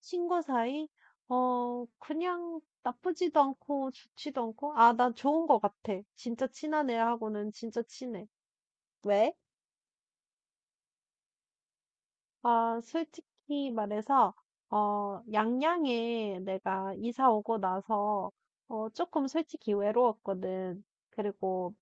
친구 사이? 어, 그냥 나쁘지도 않고 좋지도 않고, 아, 난 좋은 것 같아. 진짜 친한 애하고는 진짜 친해. 왜? 아, 솔직히 말해서, 어, 양양에 내가 이사 오고 나서, 어, 조금 솔직히 외로웠거든. 그리고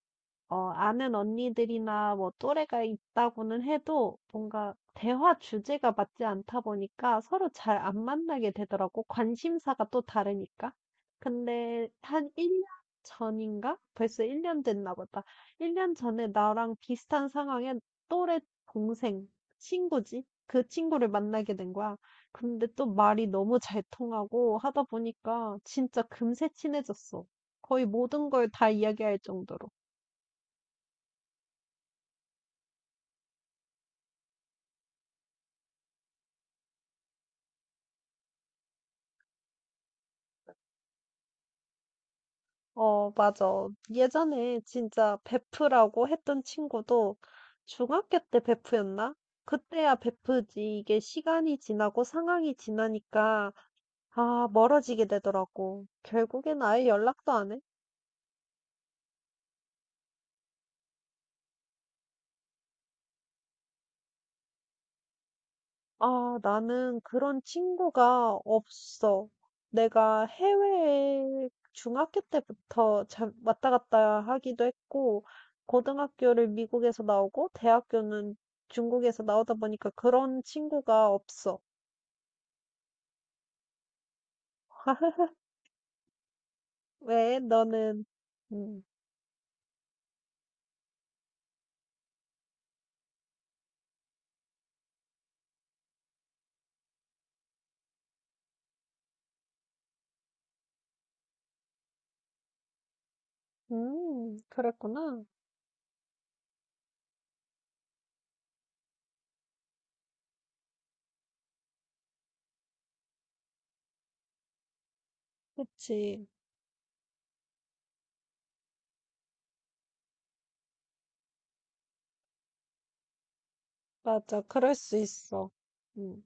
어, 아는 언니들이나 뭐 또래가 있다고는 해도 뭔가 대화 주제가 맞지 않다 보니까 서로 잘 안 만나게 되더라고. 관심사가 또 다르니까. 근데 한 1년 전인가? 벌써 1년 됐나 보다. 1년 전에 나랑 비슷한 상황에 또래 동생, 친구지? 그 친구를 만나게 된 거야. 근데 또 말이 너무 잘 통하고 하다 보니까 진짜 금세 친해졌어. 거의 모든 걸 다 이야기할 정도로. 어, 맞아. 예전에 진짜 베프라고 했던 친구도 중학교 때 베프였나? 그때야 베프지. 이게 시간이 지나고 상황이 지나니까, 아, 멀어지게 되더라고. 결국엔 아예 연락도 안 해. 아, 나는 그런 친구가 없어. 내가 해외에 중학교 때부터 왔다 갔다 하기도 했고, 고등학교를 미국에서 나오고, 대학교는 중국에서 나오다 보니까 그런 친구가 없어. 왜? 너는, 음, 그랬구나. 그치. 맞아. 그럴 수 있어. 음.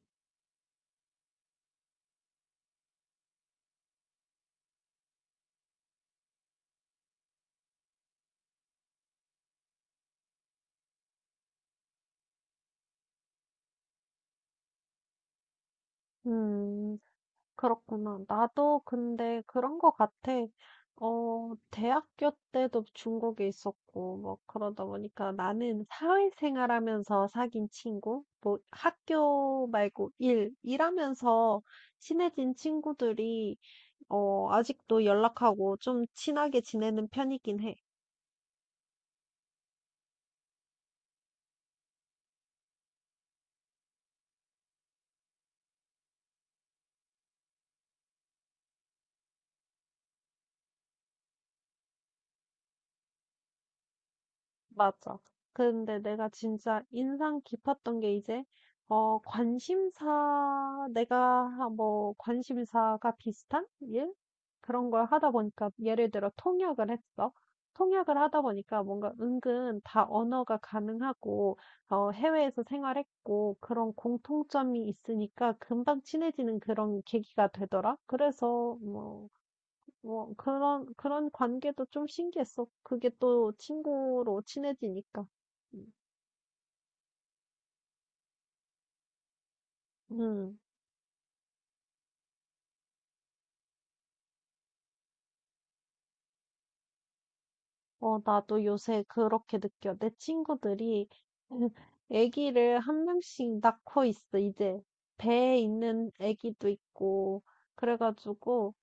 음. 그렇구나. 나도 근데 그런 거 같아. 어, 대학교 때도 중국에 있었고, 뭐, 그러다 보니까 나는 사회생활 하면서 사귄 친구, 뭐, 학교 말고 일하면서 친해진 친구들이, 어, 아직도 연락하고 좀 친하게 지내는 편이긴 해. 맞아. 근데 내가 진짜 인상 깊었던 게 이제, 어, 관심사, 내가 뭐, 관심사가 비슷한 일? 그런 걸 하다 보니까, 예를 들어 통역을 했어. 통역을 하다 보니까 뭔가 은근 다 언어가 가능하고, 어, 해외에서 생활했고, 그런 공통점이 있으니까 금방 친해지는 그런 계기가 되더라. 그래서, 뭐 그런 관계도 좀 신기했어. 그게 또 친구로 친해지니까. 음, 어, 나도 요새 그렇게 느껴. 내 친구들이 아기를 한 명씩 낳고 있어. 이제 배에 있는 아기도 있고 그래가지고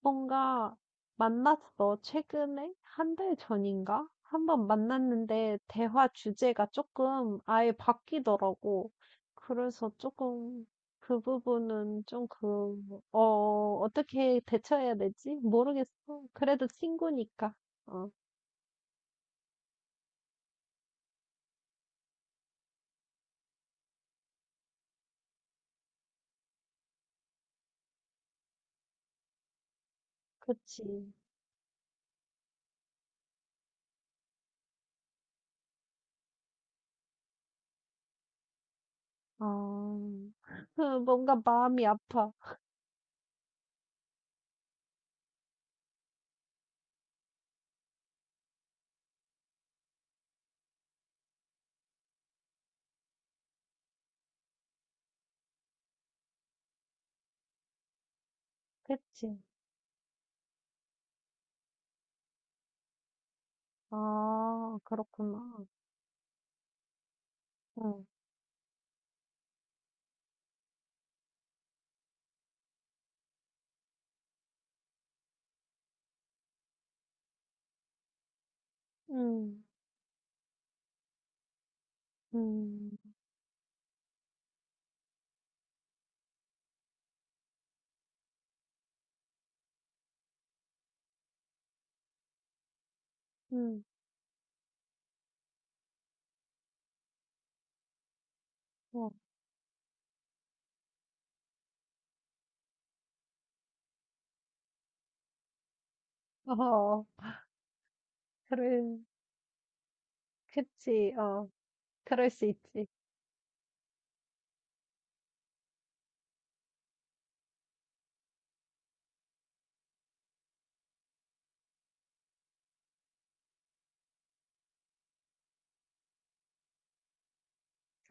뭔가 만났어. 최근에? 한 달 전인가? 한번 만났는데 대화 주제가 조금 아예 바뀌더라고. 그래서 조금 그 부분은 좀 그, 어, 어떻게 대처해야 되지? 모르겠어. 그래도 친구니까. 어, 그치. 아, 뭔가 마음이 아파. 그치. 아, 그렇구나. 응, 응, 응, 응, 어, 어, 그래. 그치, 어, 그럴 수 있지.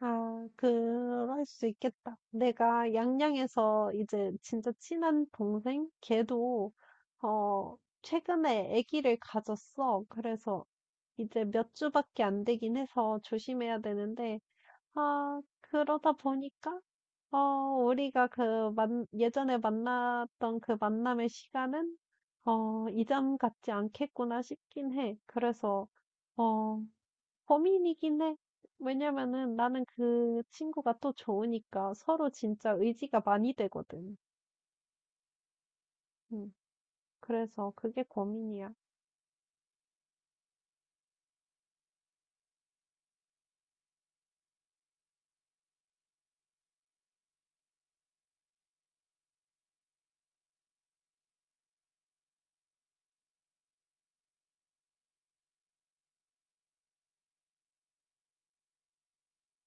아, 그럴 수 있겠다. 내가 양양에서 이제 진짜 친한 동생? 걔도, 어, 최근에 아기를 가졌어. 그래서 이제 몇 주밖에 안 되긴 해서 조심해야 되는데, 아, 그러다 보니까, 어, 우리가 예전에 만났던 그 만남의 시간은, 어, 이전 같지 않겠구나 싶긴 해. 그래서, 어, 고민이긴 해. 왜냐면은 나는 그 친구가 또 좋으니까 서로 진짜 의지가 많이 되거든. 음, 그래서 그게 고민이야.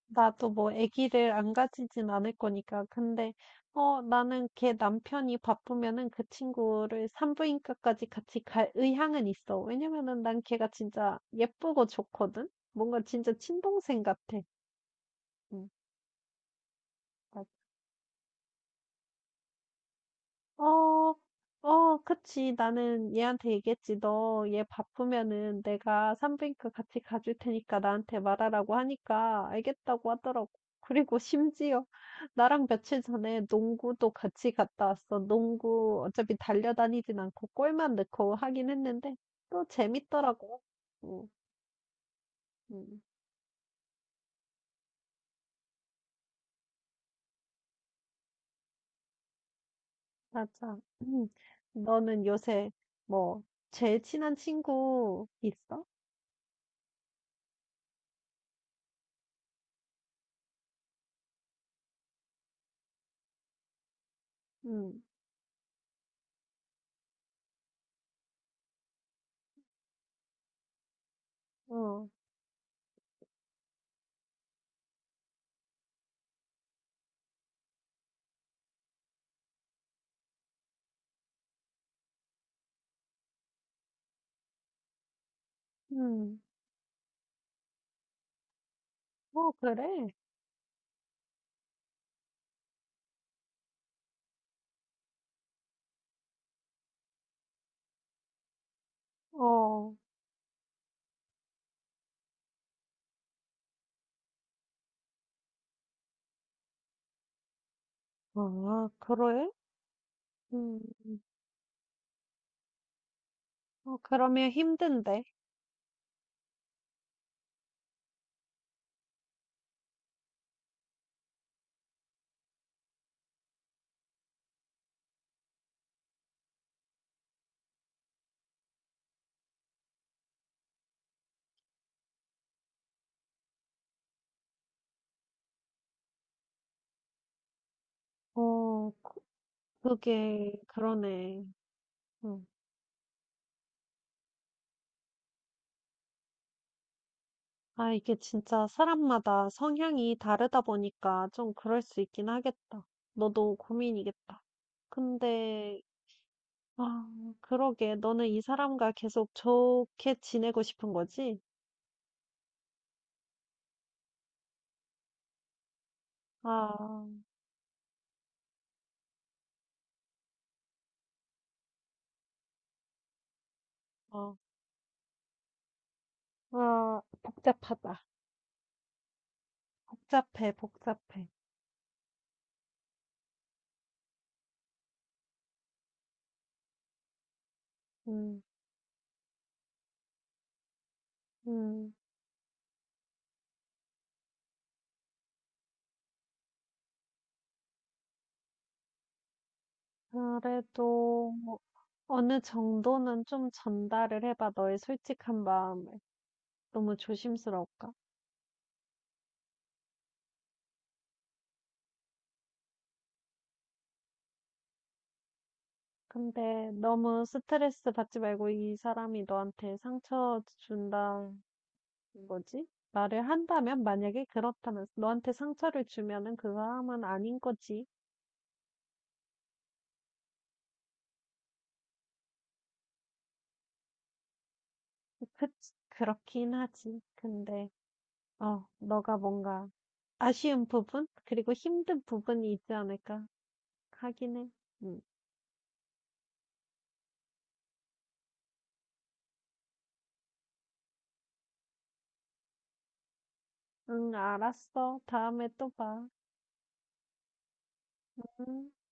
나도 뭐 아기를 안 가지진 않을 거니까. 근데, 어, 나는 걔 남편이 바쁘면은 그 친구를 산부인과까지 같이 갈 의향은 있어. 왜냐면은 난 걔가 진짜 예쁘고 좋거든? 뭔가 진짜 친동생 같아. 음, 어. 어, 어, 그치. 나는 얘한테 얘기했지. 너 얘 바쁘면은 내가 산부인과 같이 가줄 테니까 나한테 말하라고 하니까 알겠다고 하더라고. 그리고 심지어 나랑 며칠 전에 농구도 같이 갔다 왔어. 농구 어차피 달려다니진 않고 골만 넣고 하긴 했는데 또 재밌더라고. 응, 응, 맞아. 음. 너는 요새 뭐 제일 친한 친구 있어? 응, 어, 응. 어, 그래? 어, 아, 그래? 음, 어, 그러면 힘든데. 어, 그게, 그러네. 음. 아, 이게 진짜 사람마다 성향이 다르다 보니까 좀 그럴 수 있긴 하겠다. 너도 고민이겠다. 근데, 아, 그러게. 너는 이 사람과 계속 좋게 지내고 싶은 거지? 아, 어, 아, 복잡하다. 복잡해, 복잡해. 음, 음. 그래도 뭐 어느 정도는 좀 전달을 해봐, 너의 솔직한 마음을. 너무 조심스러울까? 근데 너무 스트레스 받지 말고 이 사람이 너한테 상처 준다는 거지? 말을 한다면, 만약에 그렇다면, 너한테 상처를 주면은 그 사람은 아닌 거지. 그, 그렇긴 하지. 근데, 어, 너가 뭔가 아쉬운 부분? 그리고 힘든 부분이 있지 않을까? 하긴 해. 음. 응, 알았어. 다음에 또 봐. 응.